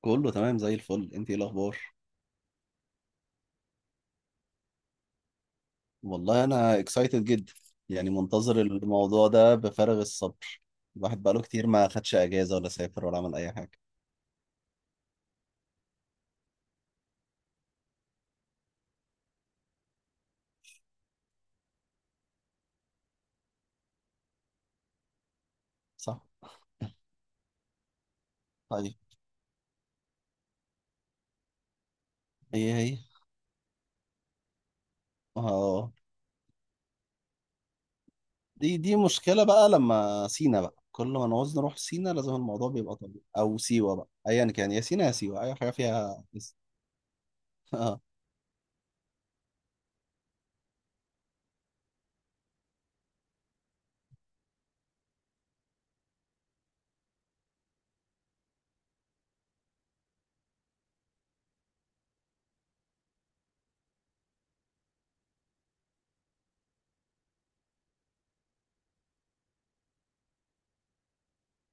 كله تمام زي الفل. انت ايه الاخبار؟ والله انا اكسايتد جدا، يعني منتظر الموضوع ده بفارغ الصبر. الواحد بقاله كتير ما خدش اجازه ولا سافر ولا عمل اي حاجه. صح. طيب. هي اه. دي مشكله بقى، لما سينا بقى كل ما نعوز نروح سينا لازم الموضوع بيبقى طبيعي او سيوه بقى، ايا كان يا سينا يا سيوه اي حاجه فيها اه.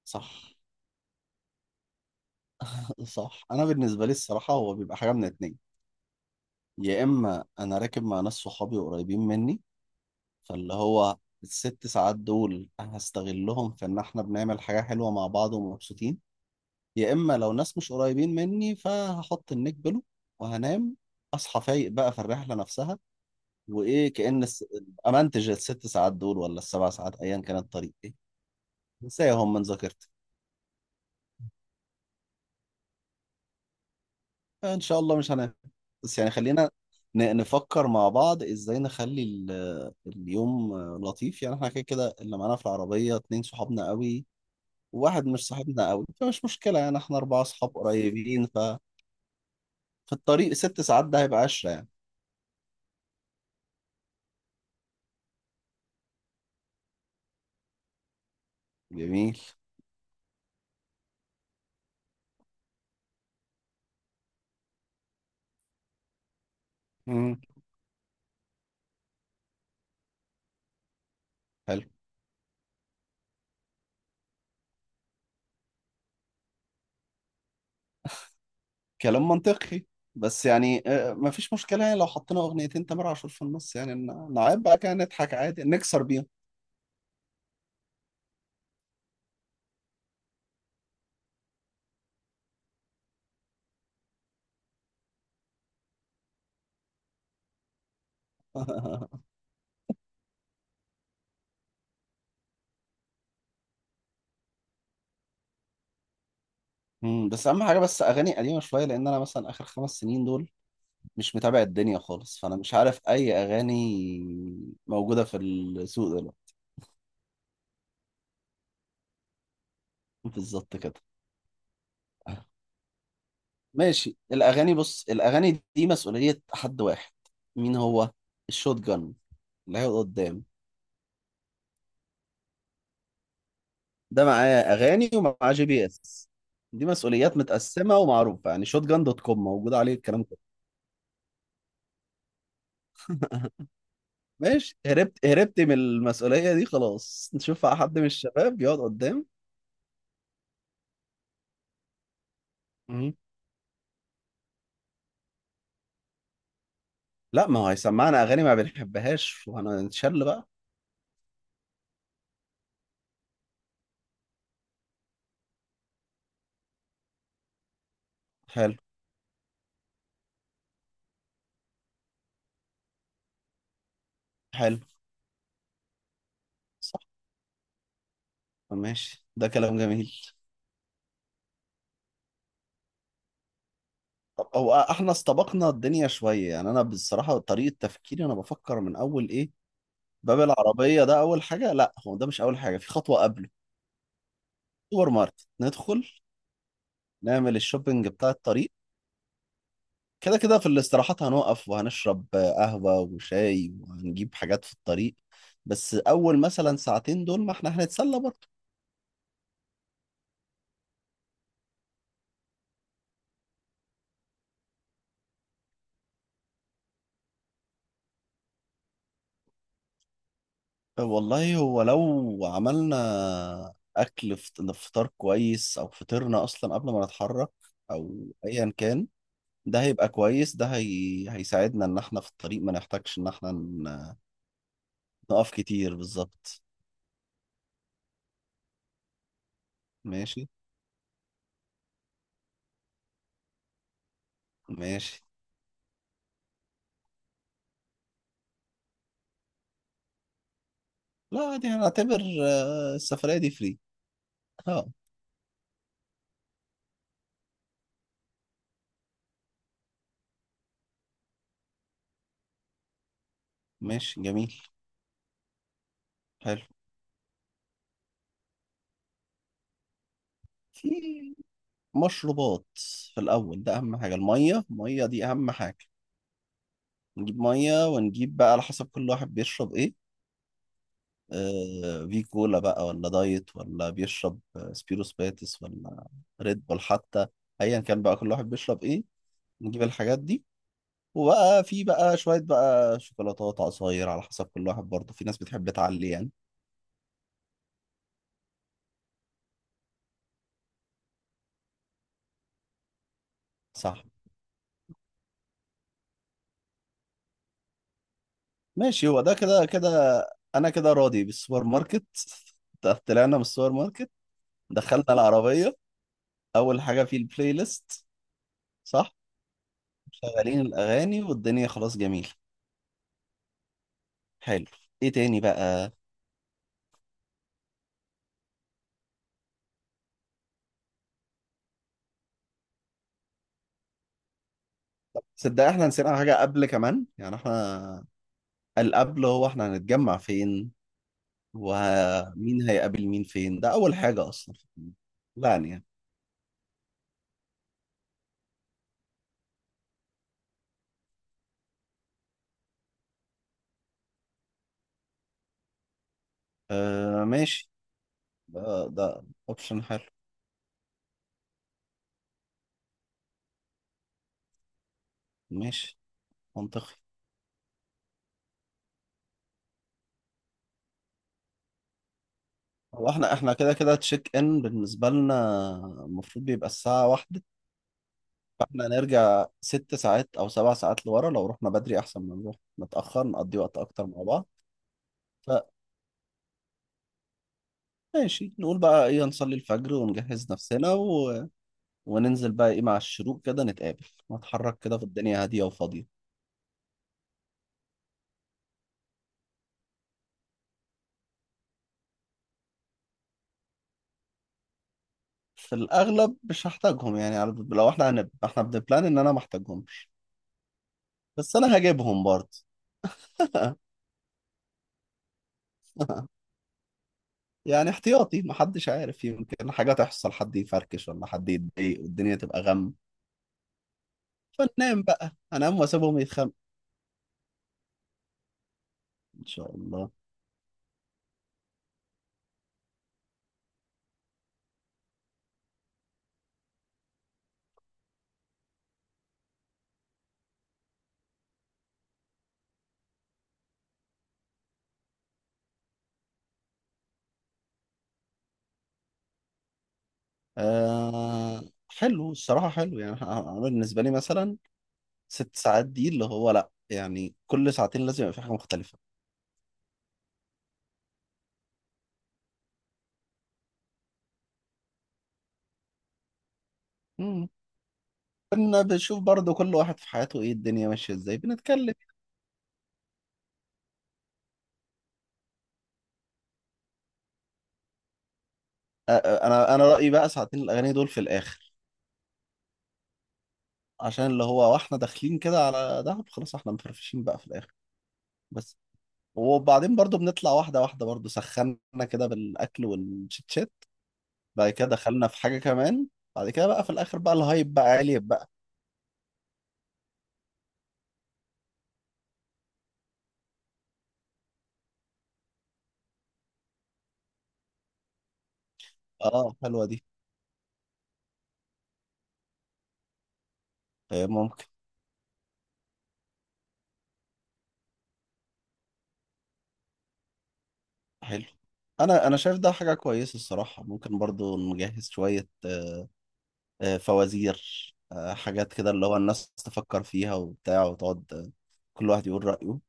صح صح، انا بالنسبه لي الصراحه هو بيبقى حاجه من اتنين. يا اما انا راكب مع ناس صحابي قريبين مني، فاللي هو ال6 ساعات دول هستغلهم في ان احنا بنعمل حاجة حلوة مع بعض ومبسوطين. يا اما لو ناس مش قريبين مني فهحط النيك بلو وهنام، اصحى فايق بقى في الرحلة نفسها، وايه كأن الس... امنتج ال6 ساعات دول ولا ال7 ساعات، ايا كان الطريق ايه، انساهم من ذاكرتي. ان شاء الله مش هنام. بس يعني خلينا نفكر مع بعض ازاي نخلي اليوم لطيف، يعني احنا كده كده اللي معانا في العربية اتنين صحابنا قوي، واحد مش صاحبنا قوي فمش مشكلة، يعني احنا 4 أصحاب قريبين. ففي الطريق 6 ساعات ده هيبقى عشرة يعني. جميل. مم. حلو. كلام منطقي. بس يعني مفيش مشكلة يعني لو حطينا أغنيتين تامر عاشور في النص، يعني نعيب بقى كده نضحك عادي نكسر بيهم. بس أهم حاجة بس أغاني قديمة شوية، لأن أنا مثلا آخر 5 سنين دول مش متابع الدنيا خالص، فأنا مش عارف أي أغاني موجودة في السوق دلوقتي. بالظبط كده. ماشي الاغاني. بص الاغاني دي مسؤوليه حد واحد. مين هو؟ الشوت جن اللي هيقعد قدام. ده معاه اغاني ومعاه جي بي اس، دي مسؤوليات متقسمه ومعروفه، يعني شوت جن دوت كوم موجود عليه الكلام كله. ماشي، هربت هربت من المسؤوليه دي خلاص. نشوف بقى حد من الشباب يقعد قدام. مم. لا، ما هو هيسمعنا اغاني ما بنحبهاش وهنتشل بقى. حلو. حلو. صح. ماشي، ده كلام جميل. طب هو احنا استبقنا الدنيا شوية، يعني انا بصراحة طريقة تفكيري انا بفكر من اول ايه، باب العربية ده اول حاجة. لا، هو ده مش اول حاجة، في خطوة قبله. سوبر ماركت ندخل، نعمل الشوبينج بتاع الطريق. كده كده في الاستراحات هنقف وهنشرب قهوة وشاي وهنجيب حاجات في الطريق، بس اول مثلا ساعتين دول ما احنا هنتسلى برضه. والله هو لو عملنا اكل فطار كويس، او فطرنا اصلا قبل ما نتحرك، او ايا كان، ده هيبقى كويس، ده هيساعدنا ان احنا في الطريق ما نحتاجش ان احنا نقف كتير. بالظبط. ماشي. ماشي. لا دي هنعتبر السفرية دي فري. اه. ماشي جميل. حلو. في مشروبات، في الأول ده أهم حاجة، المية المية دي أهم حاجة. نجيب مية ونجيب بقى على حسب كل واحد بيشرب إيه، آه في كولا بقى ولا دايت، ولا بيشرب سبيروس باتس، ولا ريد بول حتى، أيا كان بقى كل واحد بيشرب إيه نجيب الحاجات دي. وبقى في بقى شوية بقى شوكولاتات عصاير، على حسب كل واحد برضه في ناس بتحب تعلي يعني. صح. ماشي هو ده كده كده، أنا كده راضي بالسوبر ماركت. طلعنا من السوبر ماركت، دخلنا العربية، أول حاجة في البلاي ليست. صح. شغالين الأغاني والدنيا خلاص، جميل. حلو. إيه تاني بقى؟ صدق إحنا نسينا حاجة قبل كمان، يعني إحنا القبل هو إحنا هنتجمع فين، ومين هيقابل مين فين، ده أول حاجة أصلا. لا. آه ماشي، ده ده اوبشن حلو. ماشي، منطقي. هو احنا كده كده تشيك ان بالنسبة لنا المفروض بيبقى الساعة واحدة، فاحنا نرجع 6 ساعات او 7 ساعات لورا، لو رحنا بدري احسن ما نروح متأخر نقضي وقت اكتر مع بعض. فماشي نقول بقى ايه، نصلي الفجر ونجهز نفسنا وننزل بقى ايه مع الشروق، كده نتقابل نتحرك كده في الدنيا هادية وفاضية. في الاغلب مش هحتاجهم، يعني لو احنا هنبقى احنا بنبلان ان انا ما احتاجهمش، بس انا هجيبهم برضه. يعني احتياطي، محدش عارف، يمكن حاجة تحصل حد يفركش ولا حد يتضايق والدنيا تبقى غم، فننام بقى انام واسيبهم يتخانقوا. ان شاء الله. آه حلو، الصراحة حلو، يعني انا بالنسبة لي مثلا 6 ساعات دي اللي هو، لا يعني كل ساعتين لازم يبقى في حاجة مختلفة. مم. كنا بنشوف برضو كل واحد في حياته ايه الدنيا ماشية ازاي، بنتكلم. آه. انا رأيي بقى ساعتين الاغاني دول في الاخر، عشان اللي هو واحنا داخلين كده على دهب خلاص احنا مفرفشين بقى في الاخر. بس وبعدين برضو بنطلع واحدة واحدة، برضو سخنا كده بالأكل والشيتشات، بعد كده دخلنا في حاجة كمان، بعد كده بقى في الآخر بقى الهايب بقى عالي بقى. اه حلوة دي. ممكن. حلو. أنا شايف ده حاجة كويسة الصراحة، ممكن برضو نجهز شوية فوازير، حاجات كده اللي هو الناس تفكر فيها وبتاع، وتقعد كل واحد يقول رأيه.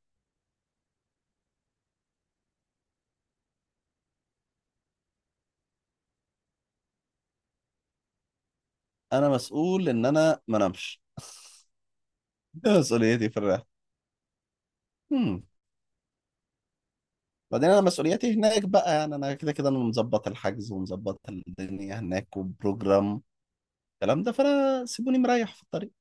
أنا مسؤول إن أنا ما نمش. ده مسؤوليتي في الرحلة. Hmm. بعدين انا مسؤولياتي هناك بقى، يعني انا كده كده انا مظبط الحجز ومظبط الدنيا هناك وبروجرام الكلام ده، فانا سيبوني مريح في الطريق.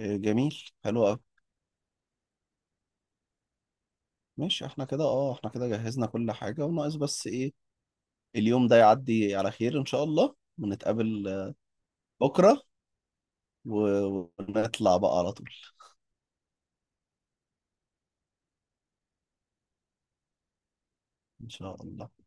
جميل حلو قوي. ماشي احنا كده اه، احنا كده جهزنا كل حاجه وناقص بس ايه، اليوم ده يعدي على خير ان شاء الله ونتقابل بكره، ونطلع بقى على طول. ان شاء الله.